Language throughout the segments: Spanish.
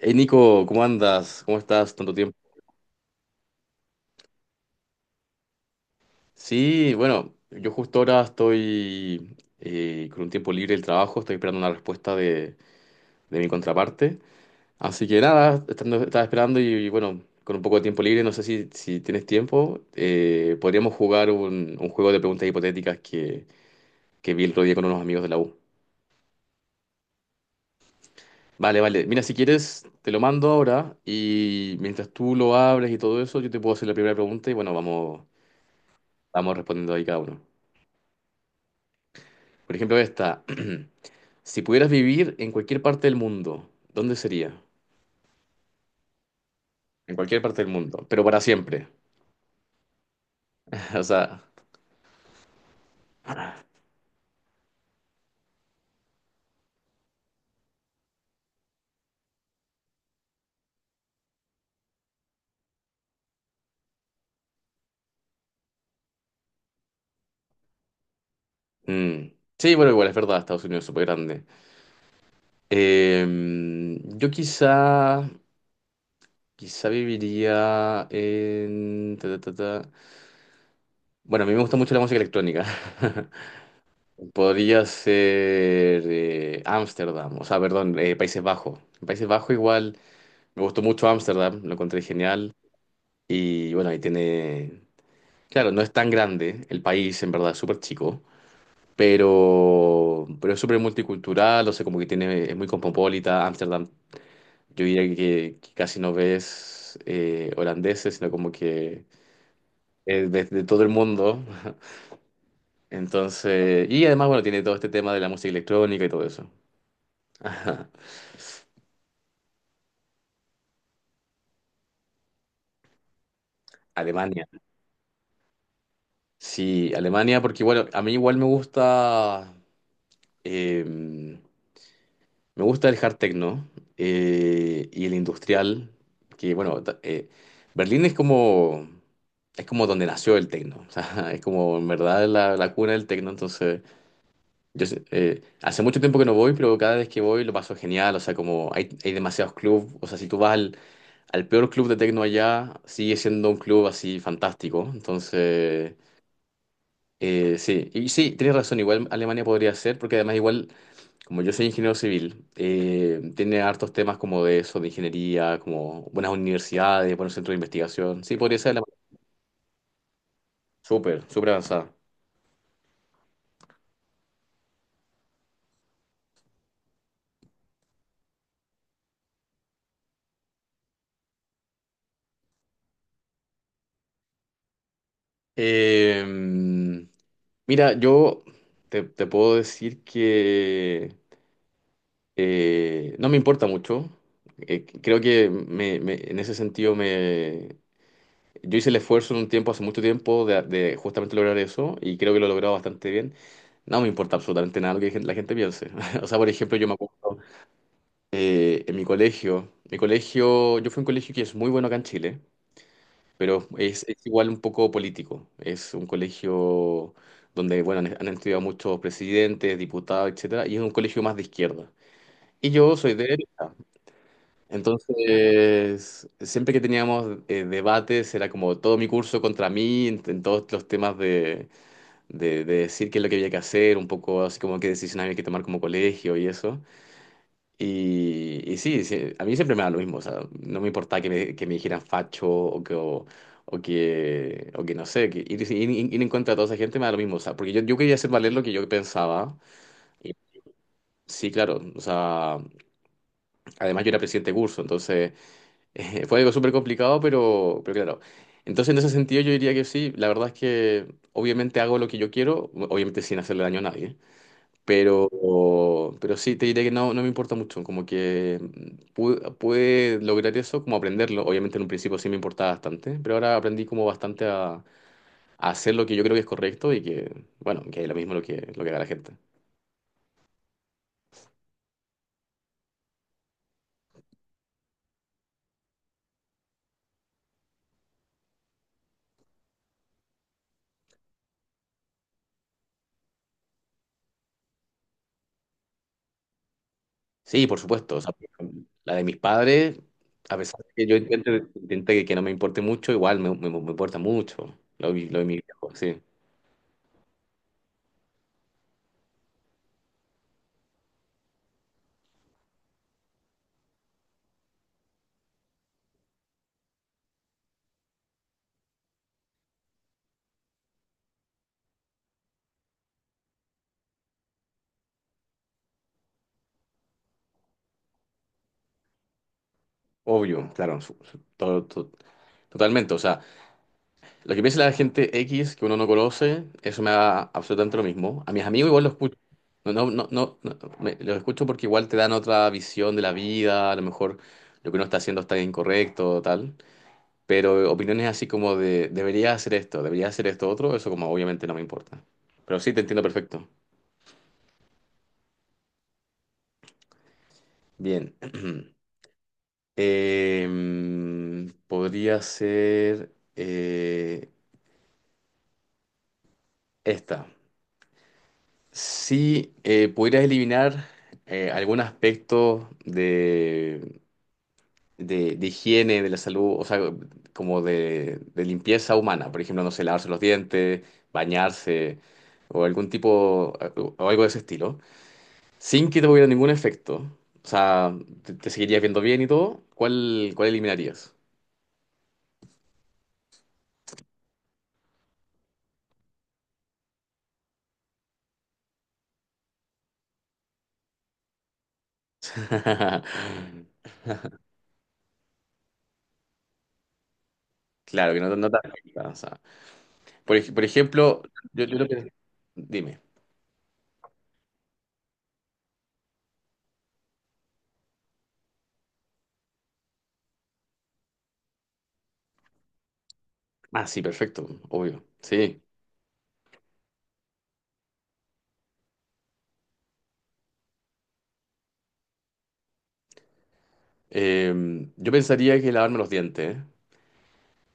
Hey Nico, ¿cómo andas? ¿Cómo estás? Tanto tiempo. Sí, bueno, yo justo ahora estoy con un tiempo libre del trabajo, estoy esperando una respuesta de mi contraparte. Así que nada, estaba esperando y bueno, con un poco de tiempo libre, no sé si tienes tiempo, podríamos jugar un juego de preguntas hipotéticas que vi el otro día con unos amigos de la U. Vale, vale. Mira, si quieres, te lo mando ahora y mientras tú lo abres y todo eso, yo te puedo hacer la primera pregunta y bueno, vamos, respondiendo ahí cada uno. Por ejemplo, esta. Si pudieras vivir en cualquier parte del mundo, ¿dónde sería? En cualquier parte del mundo, pero para siempre. O sea, mm. Sí, bueno, igual es verdad, Estados Unidos es súper grande. Yo quizá viviría en ta, ta, ta, ta. Bueno, a mí me gusta mucho la música electrónica. Podría ser Ámsterdam, o sea, perdón, Países Bajos. En Países Bajos igual, me gustó mucho Ámsterdam, lo encontré genial. Y bueno, ahí tiene. Claro, no es tan grande el país, en verdad, es súper chico, pero es súper multicultural, o sea, como que tiene, es muy cosmopolita. Ámsterdam, yo diría que casi no ves holandeses, sino como que es de todo el mundo. Entonces, y además, bueno, tiene todo este tema de la música electrónica y todo eso. Ajá. Alemania, sí, Alemania, porque bueno, a mí igual me gusta. em, Me gusta el hard techno y el industrial, que bueno, Berlín es como, donde nació el techno, o sea, es como en verdad la cuna del techno, entonces hace mucho tiempo que no voy, pero cada vez que voy lo paso genial, o sea, como hay, demasiados clubes, o sea, si tú vas al peor club de techno allá, sigue siendo un club así fantástico, entonces. Sí y sí, tienes razón, igual Alemania podría ser, porque además igual como yo soy ingeniero civil, tiene hartos temas como de eso, de ingeniería, como buenas universidades, buenos centros de investigación. Sí, podría ser la. Súper, súper avanzada. Eh, mira, yo te puedo decir que no me importa mucho. Creo que en ese sentido me. Yo hice el esfuerzo en un tiempo, hace mucho tiempo, de justamente lograr eso y creo que lo he logrado bastante bien. No me importa absolutamente nada lo que la gente piense. O sea, por ejemplo, yo me acuerdo. En mi colegio, yo fui a un colegio que es muy bueno acá en Chile, pero es igual un poco político. Es un colegio donde, bueno, han estudiado muchos presidentes, diputados, etcétera, y es un colegio más de izquierda. Y yo soy de derecha. Entonces, siempre que teníamos debates, era como todo mi curso contra mí, en todos los temas de decir qué es lo que había que hacer, un poco así como qué decisiones había que tomar como colegio y eso. Y sí, sí, a mí siempre me da lo mismo, o sea, no me importaba que me, dijeran facho o que no sé, que ir en contra de toda esa gente me da lo mismo, o sea, porque yo quería hacer valer lo que yo pensaba. Y sí, claro, o sea, además yo era presidente de curso, entonces fue algo súper complicado, pero claro. Entonces en ese sentido yo diría que sí, la verdad es que obviamente hago lo que yo quiero, obviamente sin hacerle daño a nadie. Pero, pero sí, te diré que no me importa mucho, como que pude, lograr eso, como aprenderlo. Obviamente en un principio sí me importaba bastante, pero ahora aprendí como bastante a hacer lo que yo creo que es correcto y que, bueno, que es lo mismo lo que, haga la gente. Sí, por supuesto, o sea, la de mis padres, a pesar de que yo intente, que no me importe mucho, igual me importa mucho lo de mis viejos, sí. Obvio, claro, todo, totalmente, o sea. Lo que piensa la gente X que uno no conoce, eso me da absolutamente lo mismo. A mis amigos igual los escucho. No, no, no, no, no, los escucho porque igual te dan otra visión de la vida, a lo mejor lo que uno está haciendo está incorrecto, tal. Pero opiniones así como de debería hacer esto otro, eso como obviamente no me importa. Pero sí, te entiendo perfecto. Bien. Podría ser esta. Si pudieras eliminar algún aspecto de higiene, de la salud, o sea, como de limpieza humana, por ejemplo, no sé, lavarse los dientes, bañarse, o algún tipo, o algo de ese estilo, sin que te hubiera ningún efecto, o sea, te, seguirías viendo bien y todo, ¿cuál eliminarías? Claro, que no te afecta, o sea, por ejemplo, yo lo que. Dime. Ah, sí, perfecto, obvio, sí. Yo pensaría que lavarme los dientes.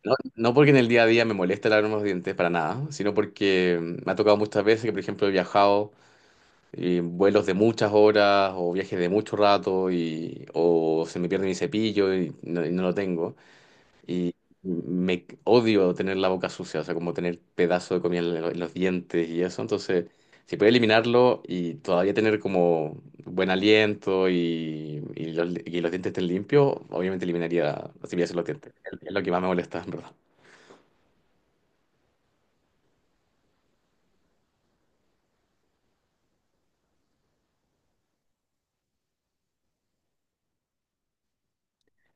No, no porque en el día a día me moleste lavarme los dientes para nada, sino porque me ha tocado muchas veces que, por ejemplo, he viajado en vuelos de muchas horas o viajes de mucho rato y, o se me pierde mi cepillo y y no lo tengo. Y me odio tener la boca sucia, o sea, como tener pedazo de comida en los dientes y eso. Entonces, si puedo eliminarlo y todavía tener como buen aliento y los dientes estén limpios, obviamente eliminaría, si me hacen los dientes. Es lo que más me molesta, en verdad.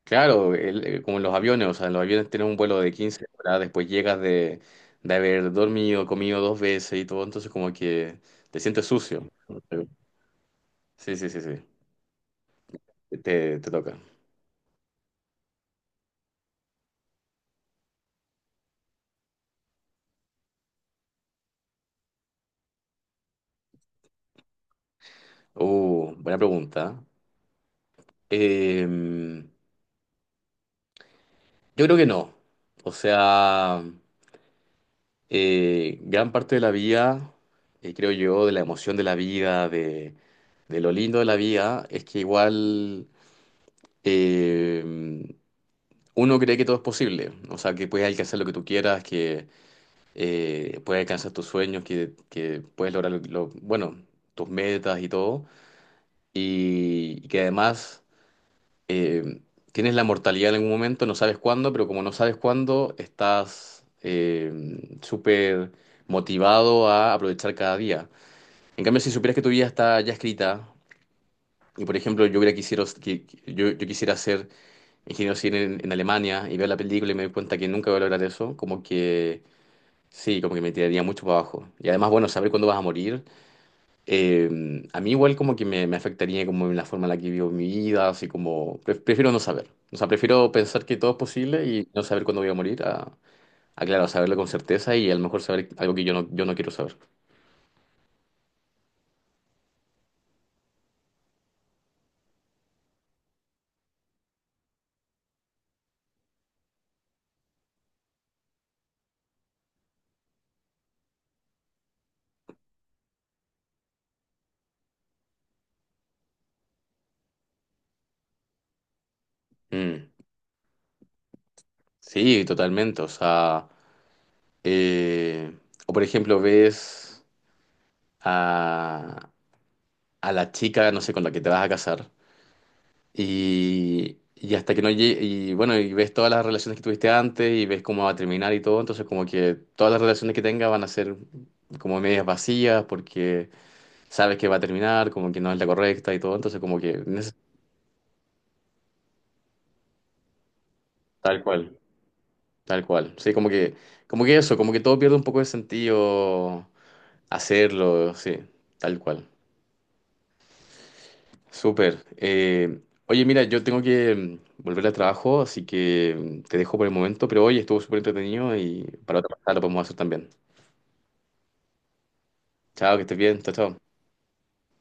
Claro, como en los aviones, o sea, en los aviones tienes un vuelo de 15 horas, después llegas de haber dormido, comido dos veces y todo, entonces como que te sientes sucio. Sí, sí, sí, sí. Te toca. Buena pregunta. Em, yo creo que no. O sea, gran parte de la vida, creo yo, de la emoción de la vida, de lo lindo de la vida, es que igual em, uno cree que todo es posible. O sea, que puedes alcanzar lo que tú quieras, que puedes alcanzar tus sueños, que puedes lograr, bueno, tus metas y todo. y y que además. Eh, tienes la mortalidad en algún momento, no sabes cuándo, pero como no sabes cuándo, estás súper motivado a aprovechar cada día. En cambio, si supieras que tu vida está ya escrita, y por ejemplo, yo hubiera quisiera, que- yo quisiera ser ingeniero civil en Alemania y ver la película y me doy cuenta que nunca voy a lograr eso, como que sí, como que me tiraría mucho para abajo. Y además, bueno, saber cuándo vas a morir eh, a mí igual como que me, afectaría como en la forma en la que vivo mi vida, así como prefiero no saber. O sea, prefiero pensar que todo es posible y no saber cuándo voy a morir, a, claro, saberlo con certeza y a lo mejor saber algo que yo no quiero saber. Mm, sí, totalmente. O sea, eh, o por ejemplo ves a, a la chica, no sé, con la que te vas a casar. Y hasta que no llegue, y bueno, y ves todas las relaciones que tuviste antes y ves cómo va a terminar y todo, entonces como que todas las relaciones que tengas van a ser como medias vacías porque sabes que va a terminar, como que no es la correcta y todo, entonces como que tal cual, tal cual. Sí, como que eso, como que todo pierde un poco de sentido hacerlo, sí, tal cual. Súper. Oye, mira, yo tengo que volver al trabajo, así que te dejo por el momento, pero hoy estuvo súper entretenido y para otra pasada lo podemos hacer también. Chao, que estés bien. Chao, chao.